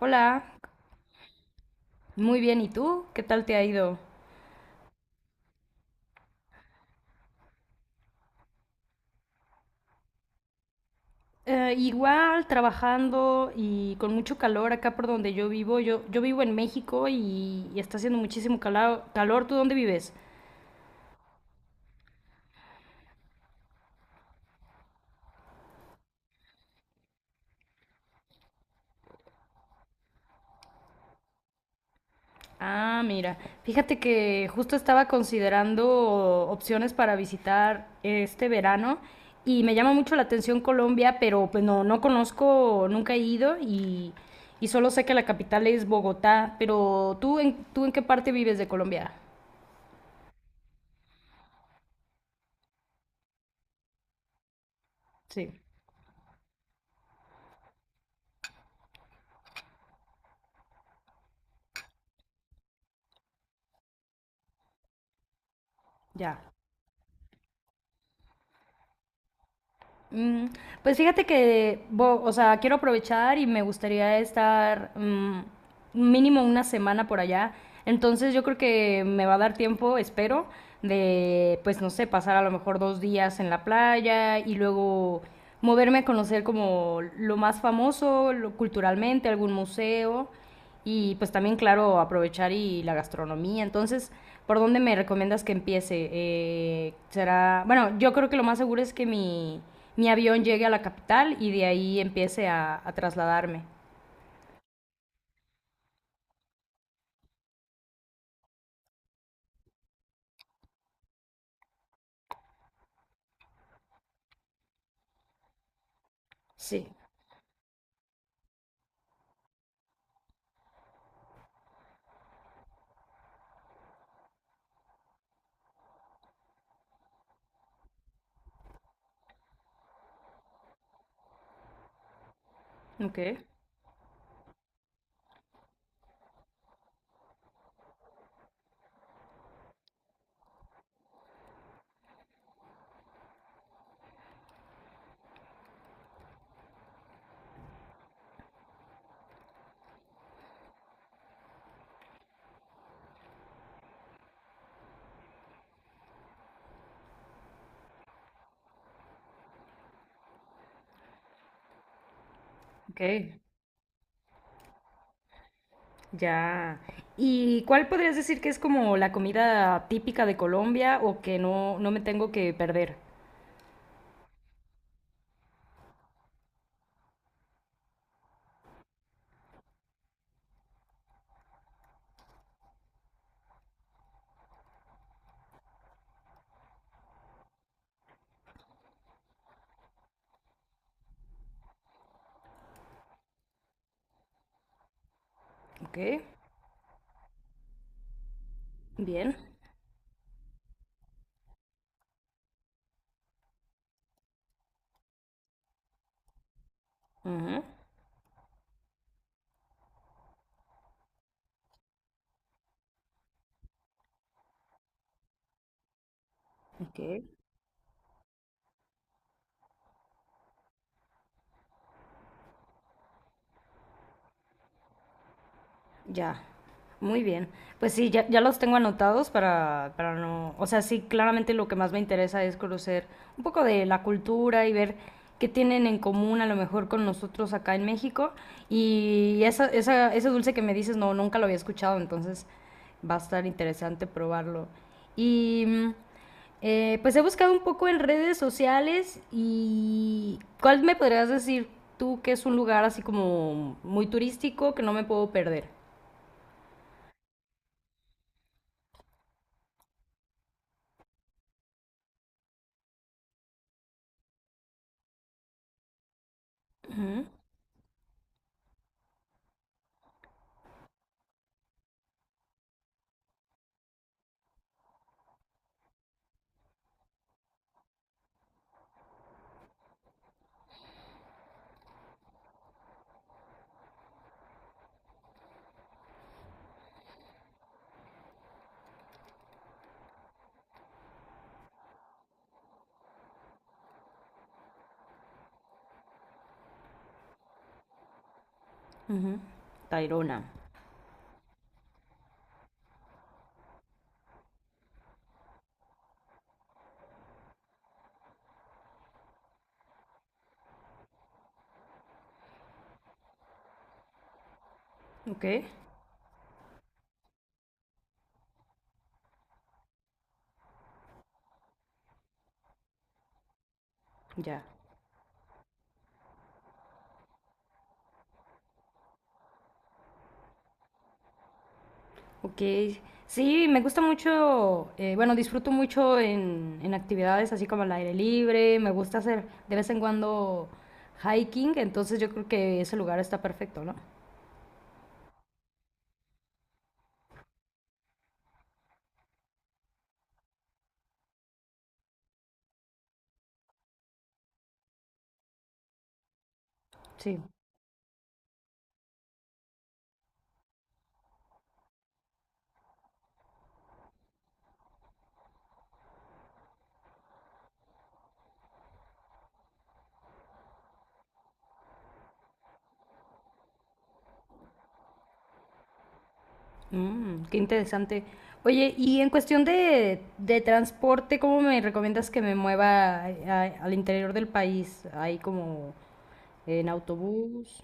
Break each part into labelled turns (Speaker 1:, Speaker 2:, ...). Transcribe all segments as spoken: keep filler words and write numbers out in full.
Speaker 1: Hola, muy bien. ¿Y tú? ¿Qué tal te ha ido? Eh, igual, trabajando y con mucho calor acá por donde yo vivo. Yo, yo vivo en México y, y está haciendo muchísimo cala- calor. ¿Tú dónde vives? Ah, mira. Fíjate que justo estaba considerando opciones para visitar este verano y me llama mucho la atención Colombia, pero pues no, no conozco, nunca he ido y, y solo sé que la capital es Bogotá. Pero ¿tú en, tú en qué parte vives de Colombia? Sí, ya. Mm, pues fíjate que, bo- o sea, quiero aprovechar y me gustaría estar mm, mínimo una semana por allá. Entonces yo creo que me va a dar tiempo, espero, de, pues no sé, pasar a lo mejor dos días en la playa y luego moverme a conocer como lo más famoso, lo- culturalmente, algún museo. Y pues también, claro, aprovechar y la gastronomía. Entonces, ¿por dónde me recomiendas que empiece? Eh, será, bueno, yo creo que lo más seguro es que mi, mi avión llegue a la capital y de ahí empiece a, a trasladarme. Sí, ok, ok, ya. ¿Y cuál podrías decir que es como la comida típica de Colombia o que no, no me tengo que perder? Ok, bien. Ujú. Ok. Ya, muy bien. Pues sí, ya, ya los tengo anotados para, para no... O sea, sí, claramente lo que más me interesa es conocer un poco de la cultura y ver qué tienen en común a lo mejor con nosotros acá en México. Y esa, esa, ese dulce que me dices, no, nunca lo había escuchado, entonces va a estar interesante probarlo. Y mm, eh, pues he buscado un poco en redes sociales y ¿cuál me podrías decir tú que es un lugar así como muy turístico que no me puedo perder? Ujú. Tayrona. Ok. Ya. Ok, sí, me gusta mucho, eh, bueno, disfruto mucho en, en actividades así como al aire libre, me gusta hacer de vez en cuando hiking, entonces yo creo que ese lugar está perfecto, ¿no? Sí. Mm, qué interesante. Oye, y en cuestión de, de transporte, ¿cómo me recomiendas que me mueva a- a- al interior del país? Ahí como en autobús,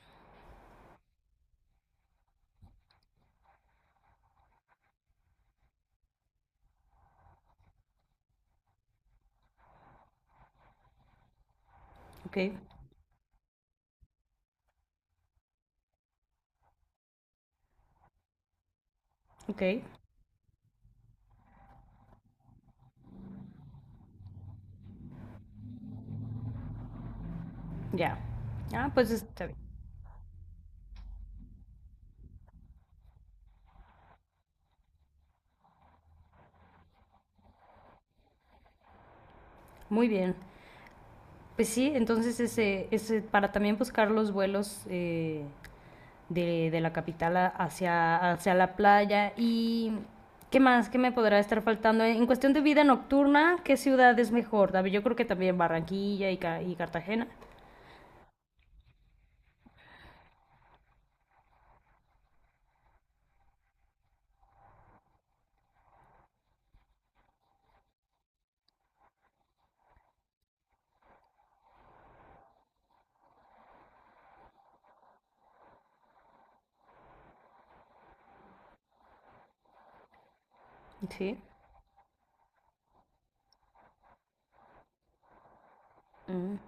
Speaker 1: ok, ok. Ya. Ah, pues está bien. Muy bien. Pues sí, entonces ese, ese, para también buscar los vuelos eh, de, de la capital a- hacia, hacia la playa. ¿Y qué más? ¿Qué me podrá estar faltando? En cuestión de vida nocturna, ¿qué ciudad es mejor? A ver, yo creo que también Barranquilla y, Ca- y Cartagena. Sí. Mm,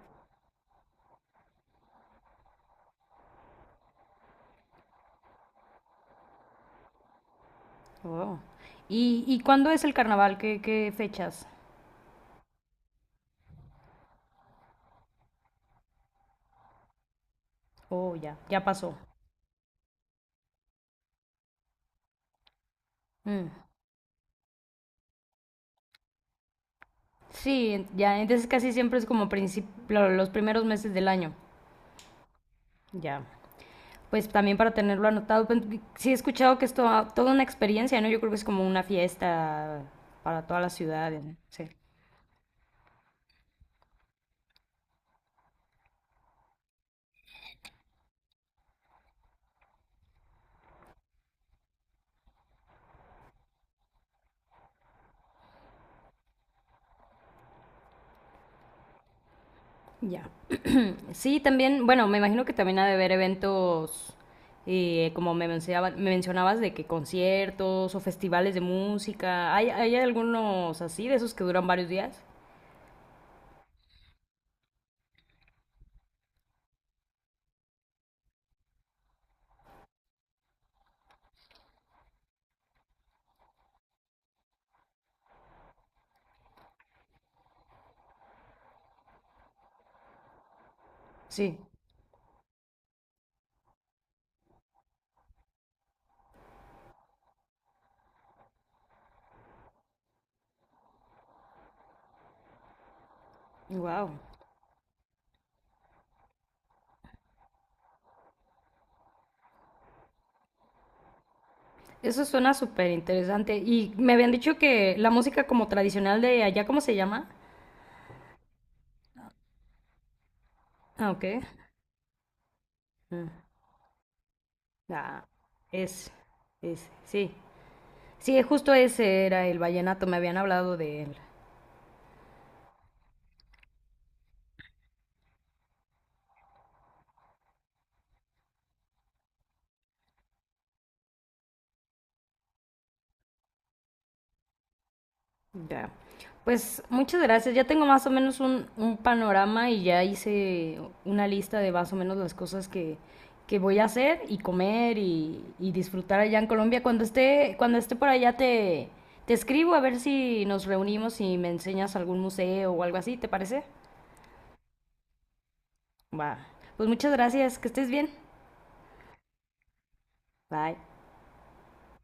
Speaker 1: wow. ¿Y, y cuándo es el carnaval? ¿Qué, qué fechas? Oh, ya, ya pasó. Mm. Sí, en- ya, entonces casi siempre es como princip- lo- los primeros meses del año. Ya. Pues también para tenerlo anotado, pues, sí he escuchado que es toda, toda una experiencia, ¿no? Yo creo que es como una fiesta para toda la ciudad. ¿No? Sí. Ya. Sí, también, bueno, me imagino que también ha de haber eventos, eh, como me mencionaba- me mencionabas, de que conciertos o festivales de música. ¿Hay, hay algunos así, de esos que duran varios días? Sí. Wow. Eso suena súper interesante. Y me habían dicho que la música como tradicional de allá, ¿cómo se llama? Ah, ok. Mm. Ah, es, es, sí. Sí, justo ese era el vallenato, me habían hablado de él. Ya. Pues muchas gracias. Ya tengo más o menos un, un panorama y ya hice una lista de más o menos las cosas que, que voy a hacer y comer y, y disfrutar allá en Colombia. Cuando esté, cuando esté por allá te, te escribo a ver si nos reunimos y me enseñas algún museo o algo así, ¿te parece? Va. Pues muchas gracias. Que estés bien. Bye.